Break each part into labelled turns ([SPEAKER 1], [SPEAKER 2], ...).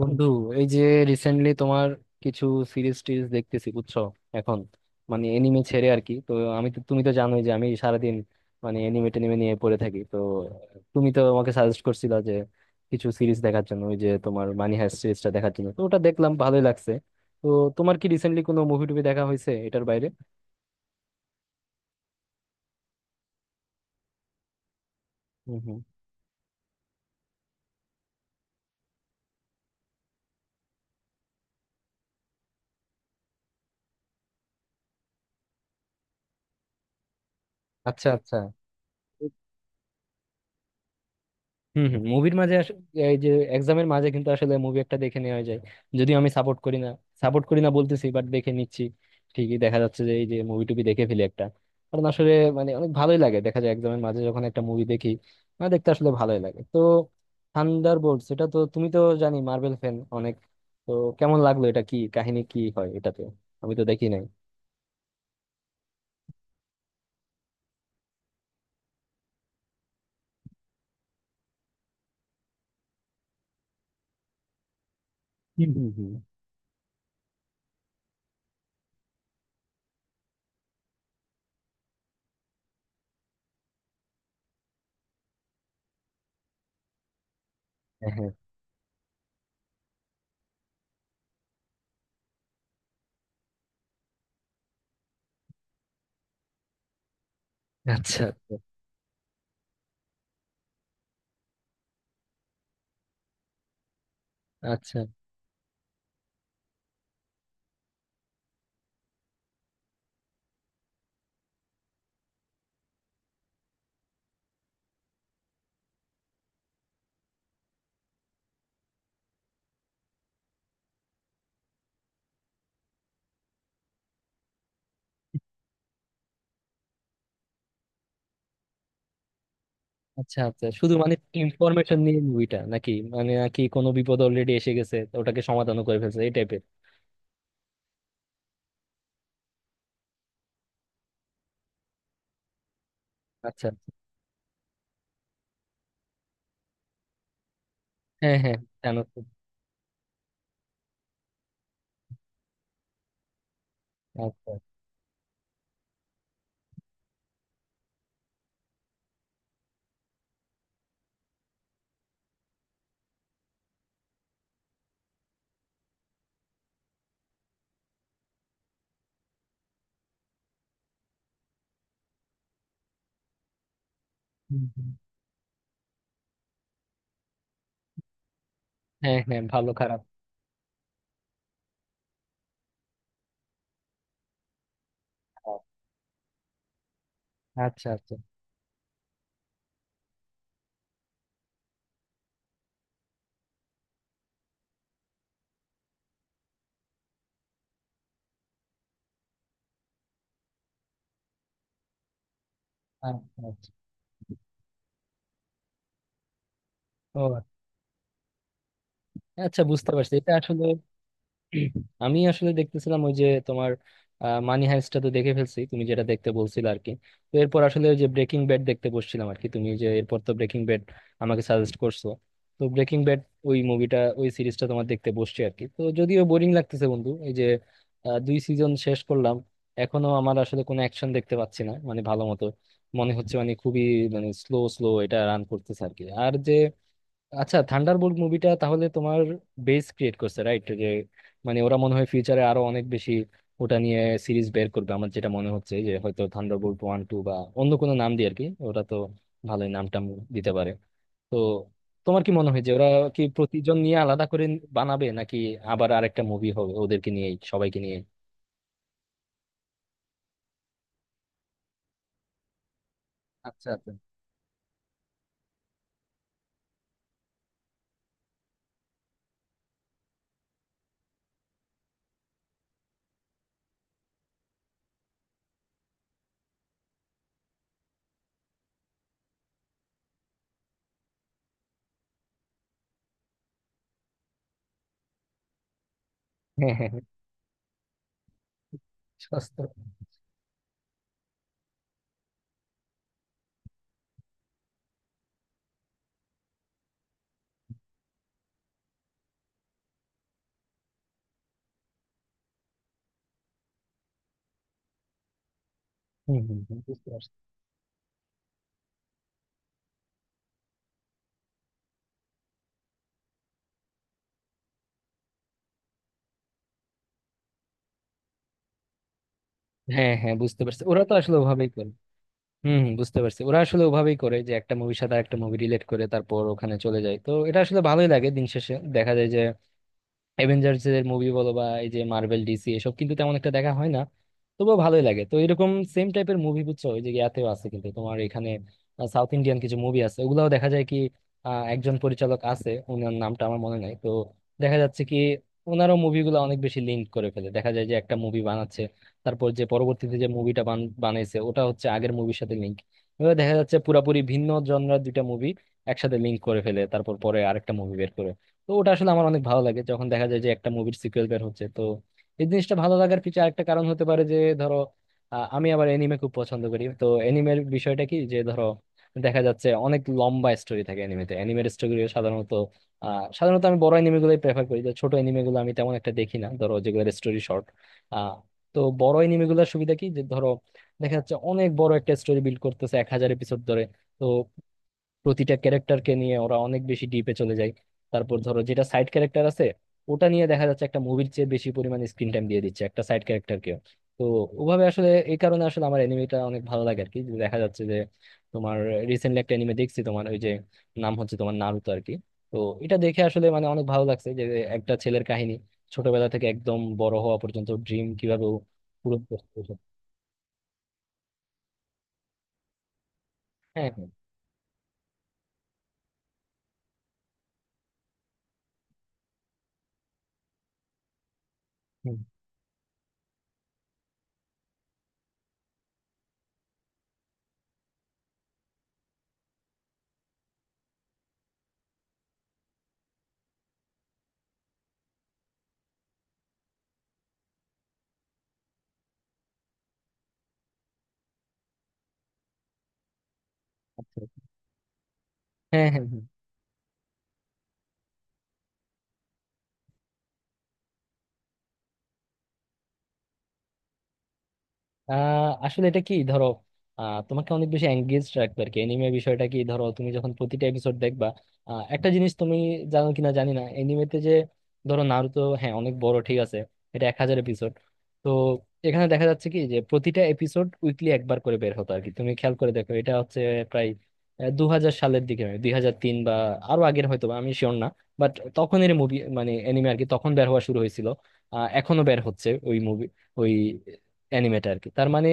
[SPEAKER 1] বন্ধু, এই যে রিসেন্টলি তোমার কিছু সিরিজ টিরিজ দেখতেছি বুঝছো। এখন মানে এনিমে ছেড়ে আর কি। তো আমি তো, তুমি তো জানোই যে আমি সারাদিন মানে এনিমে টেনিমে নিয়ে পড়ে থাকি। তো তুমি তো আমাকে সাজেস্ট করছিলা যে কিছু সিরিজ দেখার জন্য, ওই যে তোমার মানি হাইস্ট সিরিজটা দেখার জন্য। তো ওটা দেখলাম, ভালোই লাগছে। তো তোমার কি রিসেন্টলি কোনো মুভি টুভি দেখা হয়েছে এটার বাইরে? হুম হুম। আচ্ছা আচ্ছা। হম হম, মুভির মাঝে এই যে এক্সামের মাঝে কিন্তু আসলে মুভি একটা দেখে নেওয়া যায়। যদিও আমি সাপোর্ট করি না, সাপোর্ট করি না বলতেছি, বাট দেখে নিচ্ছি। ঠিকই দেখা যাচ্ছে যে এই যে মুভি টুবি দেখে ফেলি একটা। কারণ আসলে মানে অনেক ভালোই লাগে, দেখা যায় এক্সামের মাঝে যখন একটা মুভি দেখি, মানে দেখতে আসলে ভালোই লাগে। তো থান্ডার বোল্ট, এটা তো তুমি তো জানি মার্বেল ফ্যান অনেক। তো কেমন লাগলো এটা? কি কাহিনী কি হয় এটাতে? আমি তো দেখি নাই। হুম হুম হুম। হ্যাঁ হ্যাঁ। আচ্ছা আচ্ছা। আচ্ছা আচ্ছা, শুধু মানে ইনফরমেশন নিয়ে মুভিটা, নাকি মানে নাকি কোনো বিপদ অলরেডি এসে গেছে তো ওটাকে সমাধানও করে ফেলছে এই টাইপের? আচ্ছা। হ্যাঁ হ্যাঁ, জানো তো। আচ্ছা। হুম, হুম। হ্যাঁ হ্যাঁ, ভালো খারাপ। খারাপ। আচ্ছা আচ্ছা। আচ্ছা আচ্ছা। ও, আচ্ছা বুঝতে পারছি এটা আসলে। আমি আসলে দেখতেছিলাম ওই যে তোমার মানি হাইস্টটা তো দেখে ফেলছি, তুমি যেটা দেখতে বলছিলে আর কি। তো এরপর আসলে ওই যে ব্রেকিং ব্যাড দেখতে বসছিলাম আর কি, তুমি যে এরপর তো ব্রেকিং ব্যাড আমাকে সাজেস্ট করছো। তো ব্রেকিং ব্যাড, ওই মুভিটা, ওই সিরিজটা তোমার দেখতে বসছি আর কি। তো যদিও বোরিং লাগতেছে বন্ধু, এই যে 2 সিজন শেষ করলাম। এখনো আমার আসলে কোনো অ্যাকশন দেখতে পাচ্ছি না মানে ভালো মতো। মনে হচ্ছে মানে খুবই মানে স্লো স্লো এটা রান করতেছে আর কি। আর যে আচ্ছা, থান্ডারবোল্ট মুভিটা তাহলে তোমার বেস ক্রিয়েট করছে, রাইট? যে মানে ওরা মনে হয় ফিউচারে আরো অনেক বেশি ওটা নিয়ে সিরিজ বের করবে। আমার যেটা মনে হচ্ছে যে হয়তো থান্ডারবোল্ট ওয়ান টু, বা অন্য কোনো নাম দিয়ে আর কি। ওরা তো ভালোই নাম টাম দিতে পারে। তো তোমার কি মনে হয় যে ওরা কি প্রতিজন নিয়ে আলাদা করে বানাবে, নাকি আবার আরেকটা মুভি হবে ওদেরকে নিয়ে, সবাইকে নিয়ে? আচ্ছা আচ্ছা। হ্যাঁ হ্যাঁ হ্যাঁ। সস্তা। হুম, হুম, হুম। বুঝতে পারছি। হ্যাঁ হ্যাঁ, বুঝতে পারছি ওরা তো আসলে ওভাবেই করে। হম হম, বুঝতে পারছি ওরা আসলে ওভাবেই করে, যে একটা মুভির সাথে আরেকটা মুভি রিলেট করে তারপর ওখানে চলে যায়। তো এটা আসলে ভালোই লাগে, দিন শেষে দেখা যায় যে অ্যাভেঞ্জার্স এর মুভি বলো বা এই যে মার্বেল ডিসি এসব, কিন্তু তেমন একটা দেখা হয় না। তবুও ভালোই লাগে তো এরকম সেম টাইপের মুভি বুঝছো। ওই যে ইয়াতেও আছে কিন্তু, তোমার এখানে সাউথ ইন্ডিয়ান কিছু মুভি আছে ওগুলাও দেখা যায় কি। একজন পরিচালক আছে, ওনার নামটা আমার মনে নাই তো। দেখা যাচ্ছে কি ওনারও মুভিগুলো অনেক বেশি লিঙ্ক করে ফেলে, দেখা যায় যে একটা মুভি বানাচ্ছে তারপর যে পরবর্তীতে যে মুভিটা বানাইছে ওটা হচ্ছে আগের মুভির সাথে লিঙ্ক। এবার দেখা যাচ্ছে পুরাপুরি ভিন্ন জনরার দুইটা মুভি একসাথে লিঙ্ক করে ফেলে, তারপর পরে আরেকটা মুভি বের করে। তো ওটা আসলে আমার অনেক ভালো লাগে যখন দেখা যায় যে একটা মুভির সিকুয়েল বের হচ্ছে। তো এই জিনিসটা ভালো লাগার পিছনে আরেকটা কারণ হতে পারে যে ধরো আমি আবার এনিমে খুব পছন্দ করি। তো এনিমের বিষয়টা কি যে ধরো দেখা যাচ্ছে অনেক লম্বা স্টোরি থাকে এনিমেতে, এনিমের স্টোরি সাধারণত সাধারণত আমি বড় এনিমে গুলোই প্রেফার করি, যে ছোট এনিমে গুলো আমি তেমন একটা দেখি না ধরো, যেগুলোর স্টোরি শর্ট। আহ তো বড় এনিমে গুলোর সুবিধা কি যে ধরো দেখা যাচ্ছে অনেক বড় একটা স্টোরি বিল্ড করতেছে 1000 এপিসোড ধরে। তো প্রতিটা ক্যারেক্টারকে নিয়ে ওরা অনেক বেশি ডিপে চলে যায়। তারপর ধরো যেটা সাইড ক্যারেক্টার আছে, ওটা নিয়ে দেখা যাচ্ছে একটা মুভির চেয়ে বেশি পরিমাণে স্ক্রিন টাইম দিয়ে দিচ্ছে একটা সাইড ক্যারেক্টারকেও। তো ওভাবে আসলে এই কারণে আসলে আমার এনিমেটা অনেক ভালো লাগে আর কি, যে দেখা যাচ্ছে যে তোমার রিসেন্টলি একটা এনিমে দেখছি তোমার ওই যে নাম হচ্ছে তোমার নারুতো আর কি। তো এটা দেখে আসলে মানে অনেক ভালো লাগছে যে একটা ছেলের কাহিনী, ছোটবেলা থেকে একদম বড় হওয়া পর্যন্ত ড্রিম কিভাবে ও পূরণ করতে পেরেছে। হ্যাঁ হ্যাঁ। হুম, আচ্ছা। হ্যাঁ হ্যাঁ হ্যাঁ। আসলে এটা কি ধরো তোমাকে অনেক বেশি এঙ্গেজ রাখবে আর কি। এনিমে বিষয়টা কি ধরো তুমি যখন প্রতিটা এপিসোড দেখবা একটা জিনিস তুমি জানো কিনা জানি না এনিমেতে যে ধরো নারুতো, হ্যাঁ অনেক বড় ঠিক আছে, এটা 1000 এপিসোড। তো এখানে দেখা যাচ্ছে কি যে প্রতিটা এপিসোড উইকলি একবার করে বের হতো আর কি। তুমি খেয়াল করে দেখো এটা হচ্ছে প্রায় 2000 সালের দিকে, 2003 বা আরো আগের, হয়তো বা, আমি শিওর না। বাট তখনের মুভি মানে এনিমে আর কি, তখন বের হওয়া শুরু হয়েছিল। এখনো বের হচ্ছে ওই মুভি, ওই অ্যানিমেটা আর কি। তার মানে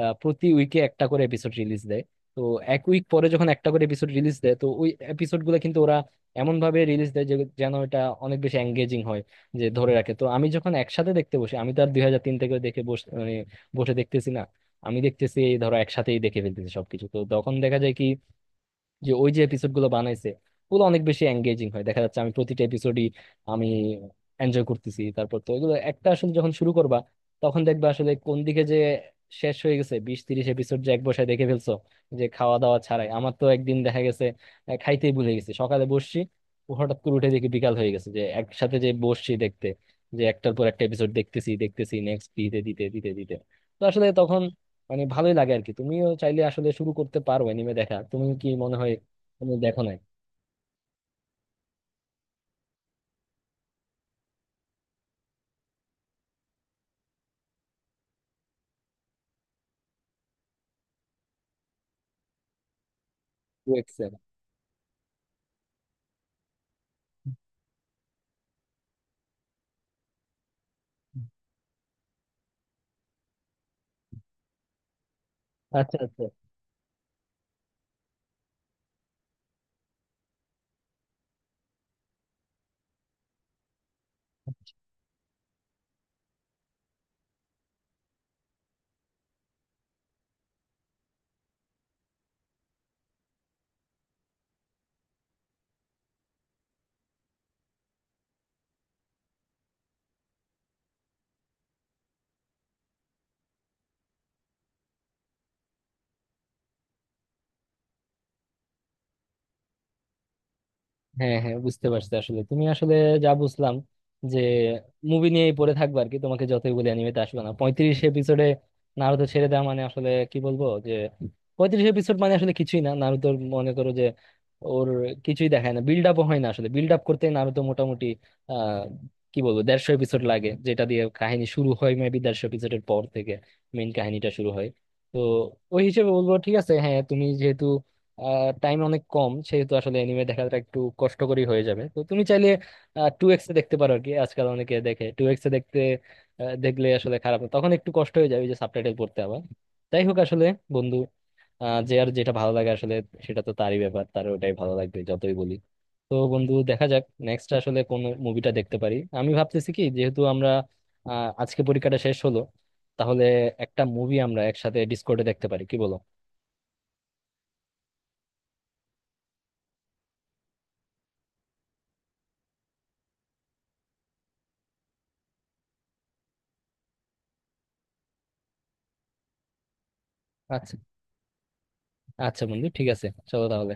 [SPEAKER 1] প্রতি উইকে একটা করে এপিসোড রিলিজ দেয়। তো এক উইক পরে যখন একটা করে এপিসোড রিলিজ দেয়, তো ওই এপিসোড গুলো কিন্তু ওরা এমন ভাবে রিলিজ দেয় যে যেন এটা অনেক বেশি এঙ্গেজিং হয়, যে ধরে রাখে। তো আমি যখন একসাথে দেখতে বসি, আমি তো আর 2003 থেকে দেখে বসে মানে বসে দেখতেছি না, আমি দেখতেছি এই ধরো একসাথেই দেখে ফেলতেছি সবকিছু। তো তখন দেখা যায় কি যে ওই যে এপিসোড গুলো বানাইছে ওগুলো অনেক বেশি এঙ্গেজিং হয়, দেখা যাচ্ছে আমি প্রতিটা এপিসোডই আমি এনজয় করতেছি। তারপর তো এগুলো একটা আসলে যখন শুরু করবা তখন দেখবা আসলে কোন দিকে যে শেষ হয়ে গেছে, 20-30 এপিসোড যে এক বসায় দেখে ফেলছো, যে খাওয়া দাওয়া ছাড়াই। আমার তো একদিন দেখা গেছে খাইতেই ভুলে গেছি, সকালে বসছি ও হঠাৎ করে উঠে দেখি বিকাল হয়ে গেছে, যে একসাথে যে বসছি দেখতে, যে একটার পর একটা এপিসোড দেখতেছি দেখতেছি নেক্সট দিতে দিতে দিতে দিতে। তো আসলে তখন মানে ভালোই লাগে আর কি। তুমিও চাইলে আসলে শুরু করতে পারো অ্যানিমে দেখা, তুমি কি মনে হয়? তুমি দেখো নাই টু এক্সেল? আচ্ছা আচ্ছা। হ্যাঁ হ্যাঁ, বুঝতে পারছি আসলে তুমি আসলে যা বুঝলাম যে মুভি নিয়েই পড়ে থাকবে আর কি, তোমাকে যতই বলি অ্যানিমেতে আসবে না। 35 এপিসোডে নারুতো ছেড়ে দেওয়া মানে আসলে কি বলবো, যে 35 এপিসোড মানে আসলে কিছুই না নারুতোর। মনে করো যে ওর কিছুই দেখায় না, বিল্ড আপও হয় না আসলে। বিল্ড আপ করতে নারুতো মোটামুটি আহ কি বলবো 150 এপিসোড লাগে, যেটা দিয়ে কাহিনী শুরু হয়। মেবি 150 এপিসোডের পর থেকে মেইন কাহিনীটা শুরু হয়। তো ওই হিসেবে বলবো ঠিক আছে হ্যাঁ, তুমি যেহেতু টাইম অনেক কম সেহেতু আসলে এনিমে দেখাটা একটু কষ্টকরই হয়ে যাবে। তো তুমি চাইলে টু এক্সে দেখতে পারো আর কি, আজকাল অনেকে দেখে টু এক্সে দেখতে। দেখলে আসলে খারাপ না। তখন একটু কষ্ট হয়ে যাবে ওই যে সাবটাইটেল পড়তে আবার। যাই হোক আসলে বন্ধু, যে আর যেটা ভালো লাগে আসলে সেটা তো তারই ব্যাপার, তার ওটাই ভালো লাগবে যতই বলি। তো বন্ধু দেখা যাক নেক্সট আসলে কোন মুভিটা দেখতে পারি। আমি ভাবতেছি কি, যেহেতু আমরা আজকে পরীক্ষাটা শেষ হলো তাহলে একটা মুভি আমরা একসাথে ডিসকর্ডে দেখতে পারি, কি বলো? আচ্ছা। আচ্ছা বন্ধু, ঠিক আছে, চলো তাহলে।